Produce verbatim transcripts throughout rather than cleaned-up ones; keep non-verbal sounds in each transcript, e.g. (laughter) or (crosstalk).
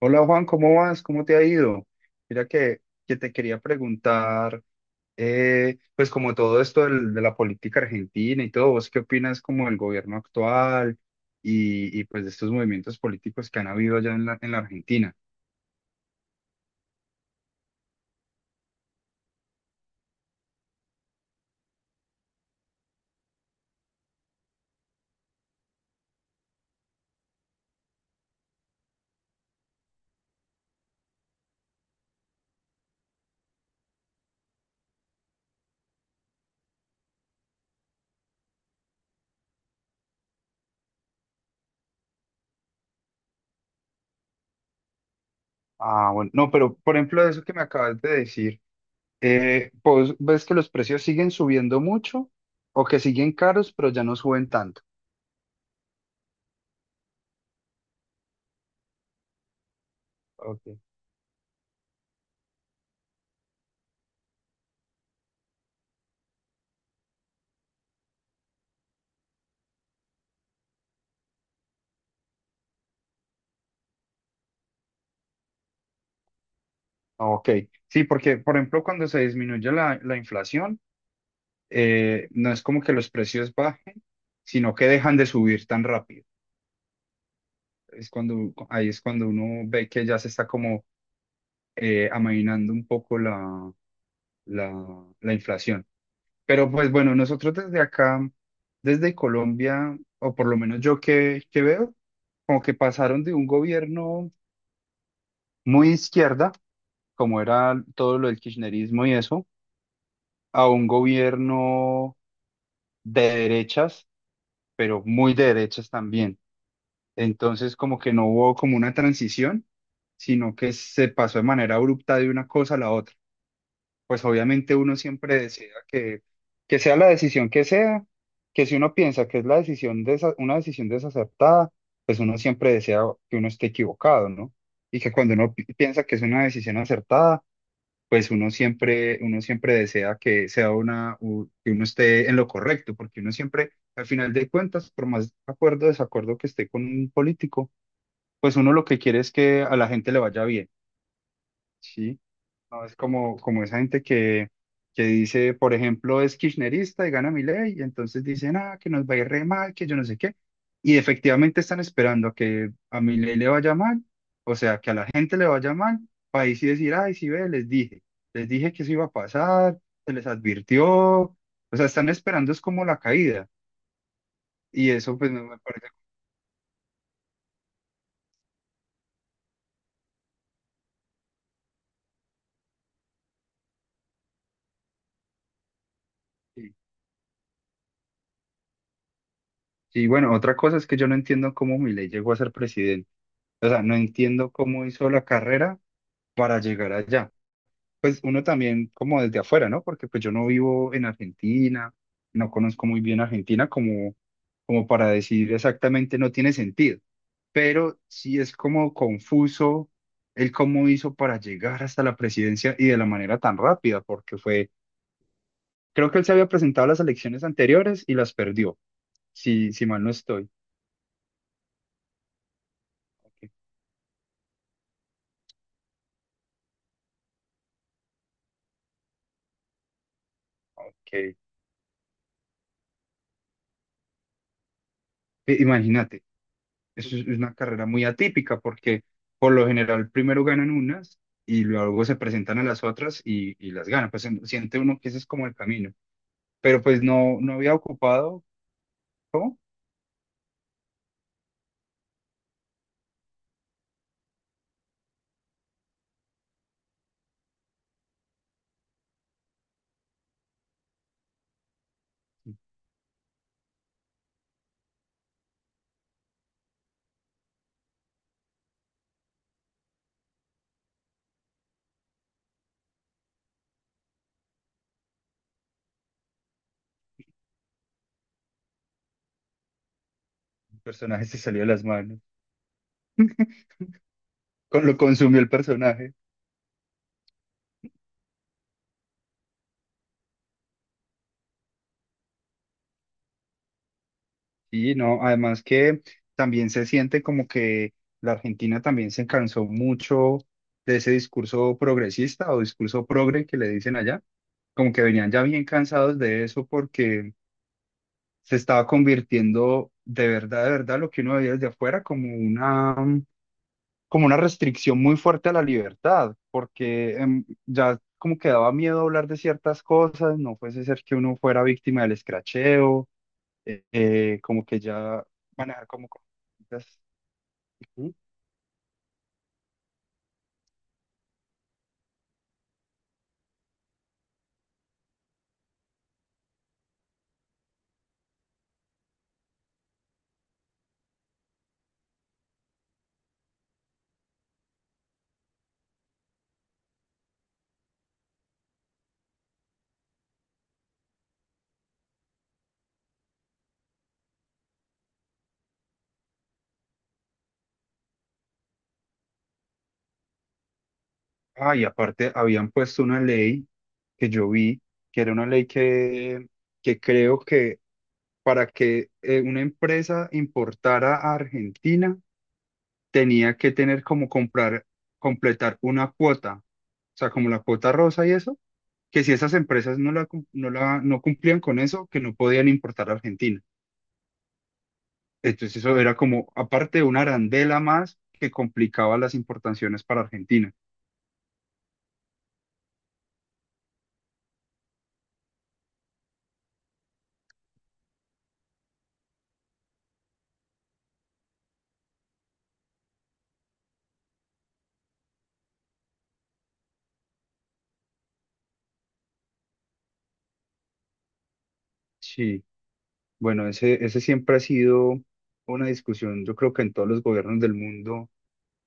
Hola Juan, ¿cómo vas? ¿Cómo te ha ido? Mira que, que te quería preguntar, eh, pues como todo esto del- de la política argentina y todo, ¿vos qué opinas como del gobierno actual y, y, pues de estos movimientos políticos que han habido allá en la, en la Argentina? Ah, bueno, no, pero por ejemplo de eso que me acabas de decir, eh, ¿vos ves que los precios siguen subiendo mucho o que siguen caros pero ya no suben tanto? Ok. Ok, sí, porque por ejemplo cuando se disminuye la la inflación, eh, no es como que los precios bajen, sino que dejan de subir tan rápido. Es cuando, ahí es cuando uno ve que ya se está como eh, amainando un poco la, la, la inflación. Pero pues bueno, nosotros desde acá, desde Colombia, o por lo menos yo que, que veo, como que pasaron de un gobierno muy izquierda, como era todo lo del kirchnerismo y eso, a un gobierno de derechas, pero muy de derechas también. Entonces, como que no hubo como una transición, sino que se pasó de manera abrupta de una cosa a la otra. Pues obviamente uno siempre desea que, que sea la decisión que sea, que si uno piensa que es la decisión desa- una decisión desacertada, pues uno siempre desea que uno esté equivocado, ¿no? Y que cuando uno pi- piensa que es una decisión acertada, pues uno siempre, uno siempre desea que sea una, u- que uno esté en lo correcto, porque uno siempre, al final de cuentas, por más acuerdo o desacuerdo que esté con un político, pues uno lo que quiere es que a la gente le vaya bien, ¿sí? No es como, como esa gente que, que dice, por ejemplo, es kirchnerista y gana Milei, y entonces dicen, ah, que nos va a ir re mal, que yo no sé qué, y efectivamente están esperando a que a Milei le vaya mal, o sea, que a la gente le vaya mal, para ahí sí decir, ay, sí ve, les dije, les dije que eso iba a pasar, se les advirtió, o sea, están esperando es como la caída, y eso pues no me parece... Y y bueno, otra cosa es que yo no entiendo cómo Milei llegó a ser presidente. O sea, no entiendo cómo hizo la carrera para llegar allá. Pues uno también como desde afuera, ¿no? Porque pues yo no vivo en Argentina, no conozco muy bien Argentina como, como para decir exactamente no tiene sentido. Pero sí es como confuso el cómo hizo para llegar hasta la presidencia y de la manera tan rápida, porque fue, creo que él se había presentado a las elecciones anteriores y las perdió, si, si mal no estoy. Ok, ok. Imagínate. es es una carrera muy atípica porque por lo general primero ganan unas y luego se presentan a las otras y, y las ganan. Pues en- siente uno que ese es como el camino. Pero pues no, no había ocupado, ¿cómo? El personaje se salió de las manos. (laughs) Con lo consumió el personaje. Y no, además que también se siente como que la Argentina también se cansó mucho de ese discurso progresista o discurso progre que le dicen allá. Como que venían ya bien cansados de eso porque se estaba convirtiendo de verdad, de verdad, lo que uno veía desde afuera como una, mm, como una restricción muy fuerte a la libertad, porque em, ya como que daba miedo hablar de ciertas cosas, no fuese ser que uno fuera víctima del escracheo, eh, eh, como que ya manejar como... con- Ujú. Ah, y aparte habían puesto una ley que yo vi, que era una ley que, que creo que para que eh, una empresa importara a Argentina, tenía que tener como comprar, completar una cuota, o sea, como la cuota rosa y eso, que si esas empresas no la, cum- no la, no cumplían con eso, que no podían importar a Argentina. Entonces eso era como, aparte, una arandela más que complicaba las importaciones para Argentina. Sí, bueno, ese, ese siempre ha sido una discusión, yo creo que en todos los gobiernos del mundo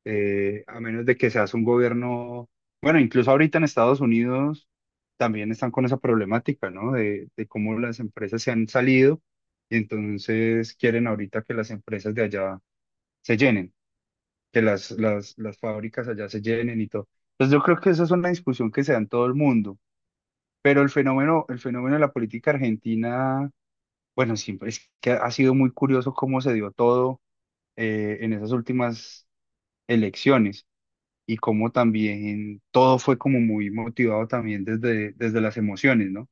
eh, a menos de que seas un gobierno, bueno, incluso ahorita en Estados Unidos también están con esa problemática, ¿no? De, de cómo las empresas se han salido y entonces quieren ahorita que las empresas de allá se llenen, que las, las, las fábricas allá se llenen y todo. Entonces yo creo que esa es una discusión que se da en todo el mundo, pero el fenómeno, el fenómeno de la política argentina, bueno, siempre es que ha sido muy curioso cómo se dio todo eh, en esas últimas elecciones y cómo también todo fue como muy motivado también desde, desde las emociones, ¿no?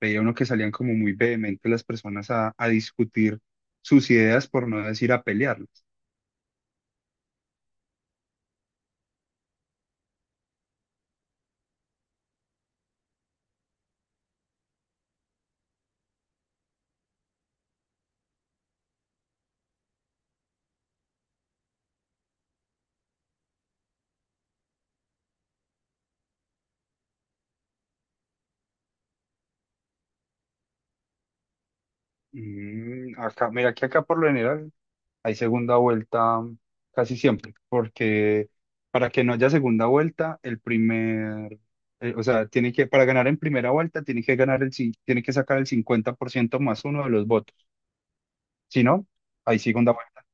Veía uno que salían como muy vehemente las personas a, a discutir sus ideas, por no decir a pelearlas. Mm, acá, mira que acá por lo general hay segunda vuelta casi siempre, porque para que no haya segunda vuelta, el primer, eh, o sea, tiene que, para ganar en primera vuelta, tiene que ganar el, cin- tiene que sacar el cincuenta por ciento más uno de los votos. Si no, hay segunda vuelta.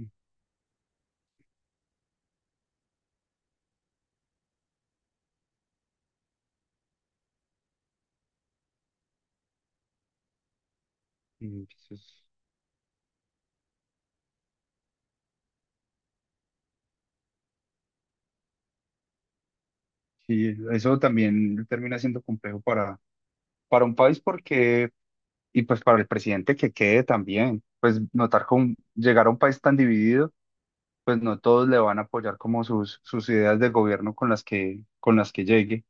Mm, mm, eso es. Sí, eso también termina siendo complejo para, para un país porque, y pues para el presidente que quede también, pues notar con llegar a un país tan dividido, pues no todos le van a apoyar como sus, sus ideas de gobierno con las que, con las que llegue.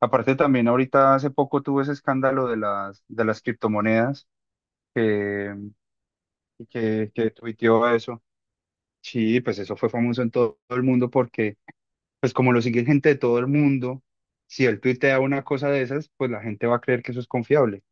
Aparte también ahorita hace poco tuvo ese escándalo de las, de las criptomonedas que, que, que tuiteó eso. Sí, pues eso fue famoso en todo el mundo porque pues como lo sigue gente de todo el mundo, si él tuitea una cosa de esas, pues la gente va a creer que eso es confiable.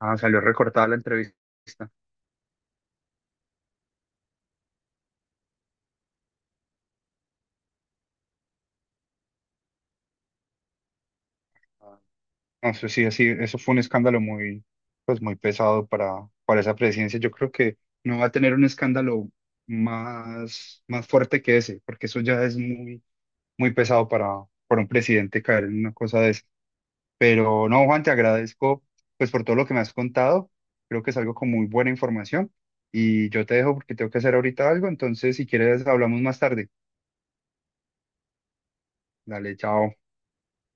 Ah, salió recortada la entrevista. Ah, eso sí, así, eso fue un escándalo muy, pues muy pesado para, para esa presidencia. Yo creo que no va a tener un escándalo más, más fuerte que ese, porque eso ya es muy, muy pesado para, para un presidente caer en una cosa de esa. Pero no, Juan, te agradezco pues por todo lo que me has contado. Creo que es algo con muy buena información. Y yo te dejo porque tengo que hacer ahorita algo. Entonces, si quieres, hablamos más tarde. Dale, chao.